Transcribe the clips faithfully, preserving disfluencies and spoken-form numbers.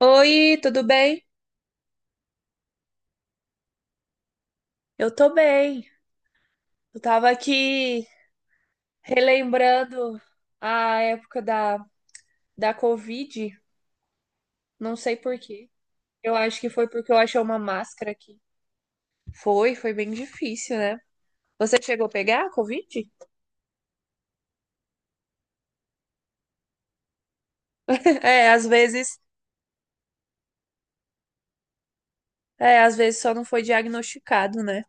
Oi, tudo bem? Eu tô bem. Eu tava aqui relembrando a época da, da Covid, não sei por quê. Eu acho que foi porque eu achei uma máscara aqui. Foi, foi bem difícil, né? Você chegou a pegar a Covid? É, às vezes, é, às vezes só não foi diagnosticado, né?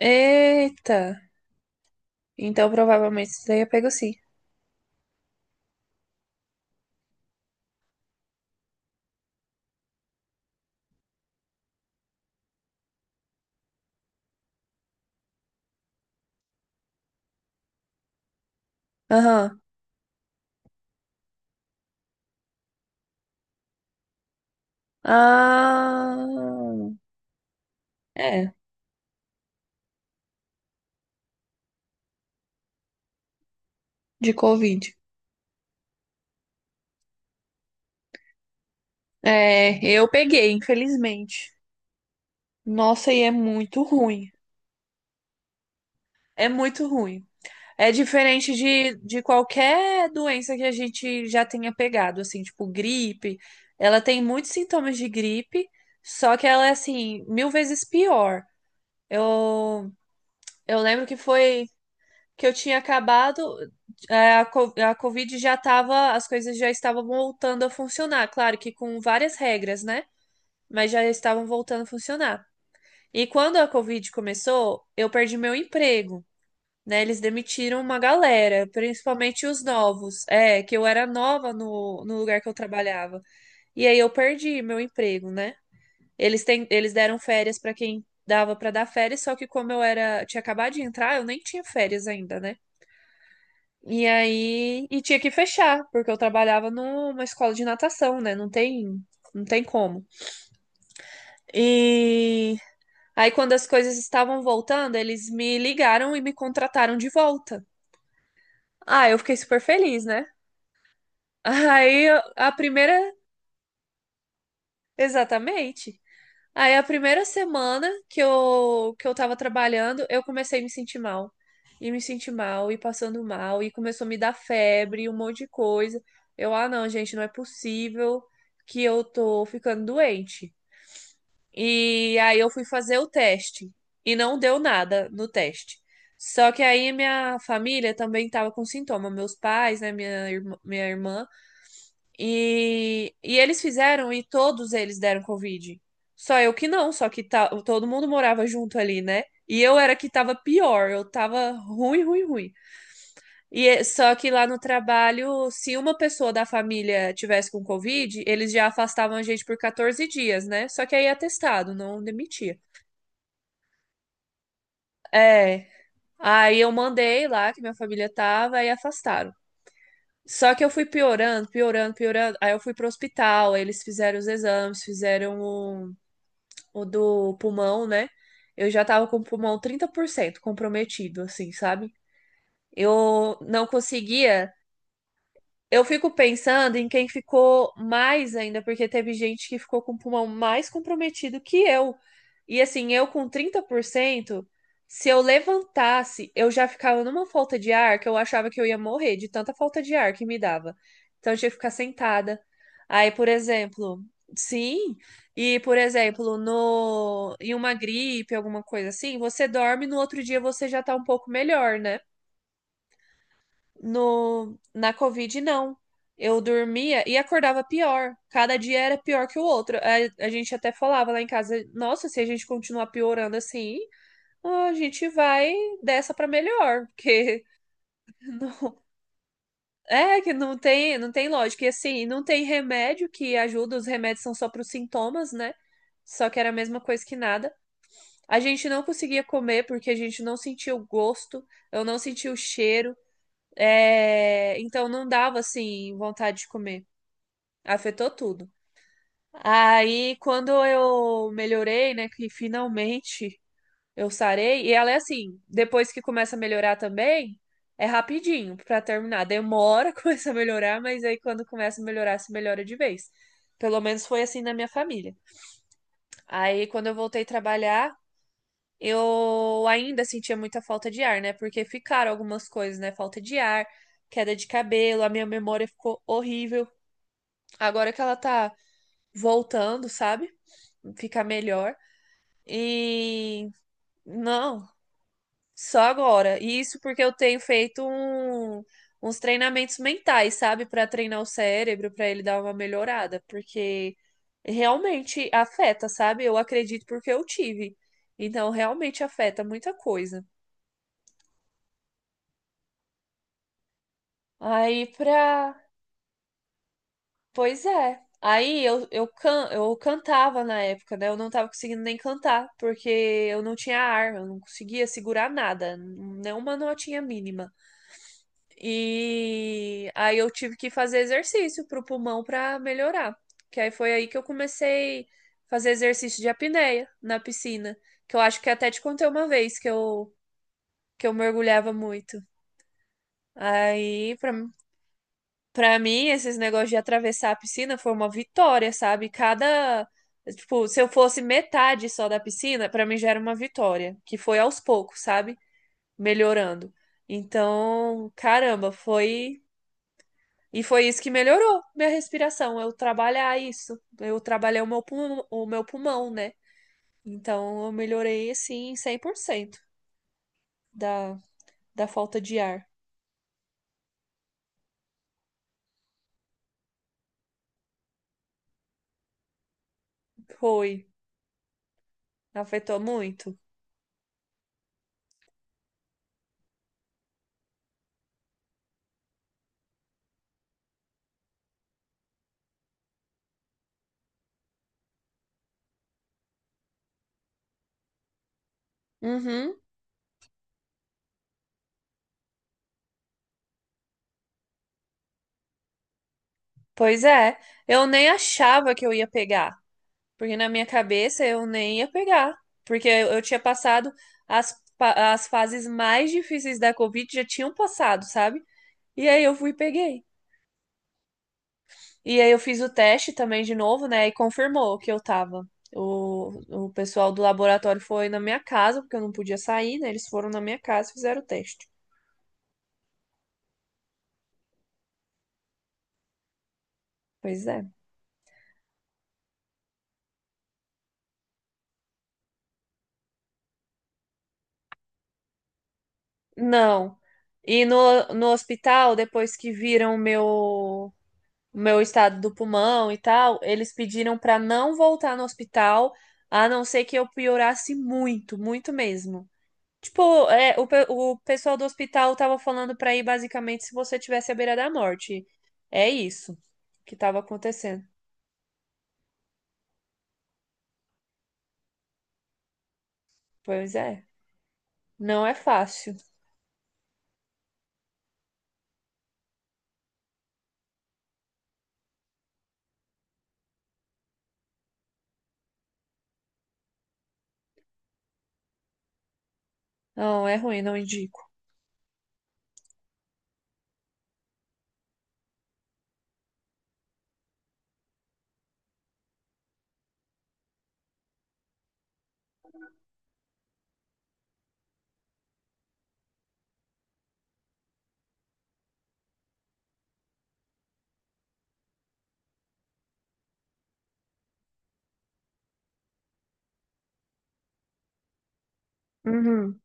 Eita! Então provavelmente você teria pego sim. Aham. Ah, é, de Covid. É, eu peguei, infelizmente. Nossa, e é muito ruim. É muito ruim. É diferente de, de qualquer doença que a gente já tenha pegado, assim, tipo gripe. Ela tem muitos sintomas de gripe, só que ela é, assim, mil vezes pior. Eu, eu lembro que foi que eu tinha acabado, é, a, co- a Covid já tava, as coisas já estavam voltando a funcionar. Claro que com várias regras, né? Mas já estavam voltando a funcionar. E quando a Covid começou, eu perdi meu emprego, né? Eles demitiram uma galera, principalmente os novos. É, que eu era nova no, no lugar que eu trabalhava. E aí eu perdi meu emprego, né? Eles têm, eles deram férias para quem dava para dar férias, só que como eu era, tinha acabado de entrar, eu nem tinha férias ainda, né? E aí, e tinha que fechar, porque eu trabalhava numa escola de natação, né? Não tem, não tem como. E Aí, quando as coisas estavam voltando, eles me ligaram e me contrataram de volta. Ah, eu fiquei super feliz, né? Aí, a primeira. Exatamente. Aí, a primeira semana que eu, que eu tava trabalhando, eu comecei a me sentir mal. E me senti mal, e passando mal, e começou a me dar febre, um monte de coisa. Eu, ah, não, gente, não é possível que eu tô ficando doente. E aí eu fui fazer o teste e não deu nada no teste. Só que aí minha família também estava com sintoma, meus pais, né, minha irmã, minha irmã, e, e eles fizeram e todos eles deram Covid. Só eu que não, só que tá, todo mundo morava junto ali, né? E eu era que tava pior, eu tava ruim, ruim, ruim. E é- só que lá no trabalho, se uma pessoa da família tivesse com Covid, eles já afastavam a gente por quatorze dias, né? Só que aí é atestado, não demitia. É. Aí eu mandei lá que minha família tava e afastaram. Só que eu fui piorando, piorando, piorando. Aí eu fui pro hospital, aí eles fizeram os exames, fizeram o, o do pulmão, né? Eu já tava com o pulmão trinta por cento comprometido, assim, sabe? Eu não conseguia. Eu fico pensando em quem ficou mais ainda, porque teve gente que ficou com o pulmão mais comprometido que eu. E assim, eu com trinta por cento, se eu levantasse, eu já ficava numa falta de ar que eu achava que eu ia morrer de tanta falta de ar que me dava. Então eu tinha que ficar sentada. Aí, por exemplo, sim, e por exemplo, no em uma gripe, alguma coisa assim, você dorme, no outro dia você já tá um pouco melhor, né? No, na Covid, não. Eu dormia e acordava pior. Cada dia era pior que o outro. A, a gente até falava lá em casa, nossa, se a gente continuar piorando assim, a gente vai dessa pra melhor, porque não, é que não tem, não tem, lógica. E assim, não tem remédio que ajuda, os remédios são só pros sintomas, né? Só que era a mesma coisa que nada. A gente não conseguia comer porque a gente não sentia o gosto, eu não sentia o cheiro. É, então não dava assim vontade de comer. Afetou tudo. Aí quando eu melhorei, né, que finalmente eu sarei, e ela é assim, depois que começa a melhorar também, é rapidinho pra terminar. Demora, começa a melhorar, mas aí quando começa a melhorar, se melhora de vez. Pelo menos foi assim na minha família. Aí quando eu voltei a trabalhar, eu ainda sentia muita falta de ar, né? Porque ficaram algumas coisas, né? Falta de ar, queda de cabelo, a minha memória ficou horrível. Agora que ela tá voltando, sabe? Fica melhor. E não, só agora. E Isso porque eu tenho feito um- uns treinamentos mentais, sabe? Pra treinar o cérebro, pra ele dar uma melhorada, porque realmente afeta, sabe? Eu acredito porque eu tive. Então, realmente afeta muita coisa. Aí pra. Pois é. Aí eu, eu, can... eu cantava na época, né? Eu não tava conseguindo nem cantar, porque eu não tinha arma, eu não conseguia segurar nada, nenhuma notinha mínima. E aí eu tive que fazer exercício pro pulmão pra melhorar. Que aí foi aí que eu comecei a fazer exercício de apneia na piscina, que eu acho que até te contei uma vez que eu, que eu mergulhava muito. Aí, pra Pra mim, esses negócios de atravessar a piscina foi uma vitória, sabe? Cada, tipo, se eu fosse metade só da piscina, pra mim já era uma vitória, que foi aos poucos, sabe? Melhorando. Então, caramba, foi e foi isso que melhorou minha respiração, eu trabalhar isso. Eu trabalhei o meu pulmão, o meu pulmão, né? Então, eu melhorei assim cem por cento da da falta de ar. Foi, afetou muito. Uhum. Pois é, eu nem achava que eu ia pegar, porque na minha cabeça eu nem ia pegar, porque eu eu tinha passado as, pa- as fases mais difíceis da Covid, já tinham passado, sabe? E aí eu fui e peguei. E aí eu fiz o teste também de novo, né? E confirmou que eu tava. O, o pessoal do laboratório foi na minha casa, porque eu não podia sair, né? Eles foram na minha casa e fizeram o teste. Pois é. Não. E no, no hospital, depois que viram o meu. o meu estado do pulmão e tal, eles pediram para não voltar no hospital, a não ser que eu piorasse muito, muito mesmo. Tipo, é, o, pe- o pessoal do hospital tava falando para ir basicamente se você tivesse à beira da morte. É isso que tava acontecendo. Pois é, não é fácil. Não, é ruim, não indico. Uhum.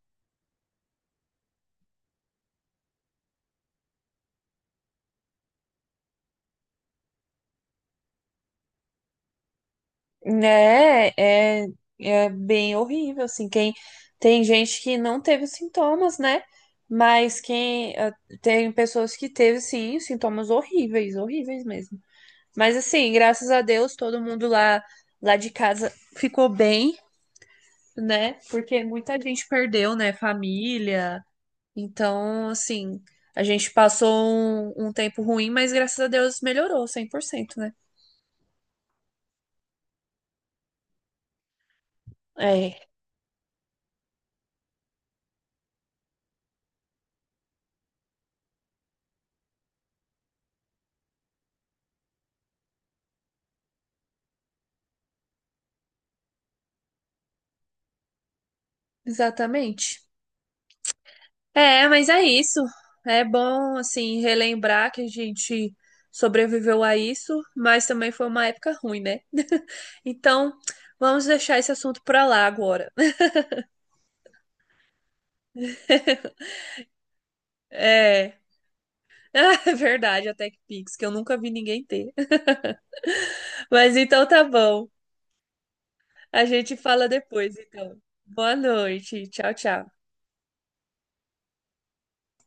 Né, é, é bem horrível, assim, quem tem gente que não teve sintomas, né? Mas quem eh, tem pessoas que teve sim sintomas horríveis, horríveis mesmo. Mas assim, graças a Deus, todo mundo lá lá de casa ficou bem, né? Porque muita gente perdeu, né, família. Então, assim, a gente passou um, um tempo ruim, mas graças a Deus melhorou cem por cento, né? É, exatamente. É, mas é isso. É bom, assim, relembrar que a gente sobreviveu a isso, mas também foi uma época ruim, né? Então, vamos deixar esse assunto pra lá agora. É, é verdade, a TechPix, que eu nunca vi ninguém ter. Mas então tá bom. A gente fala depois, então. Boa noite. Tchau, tchau.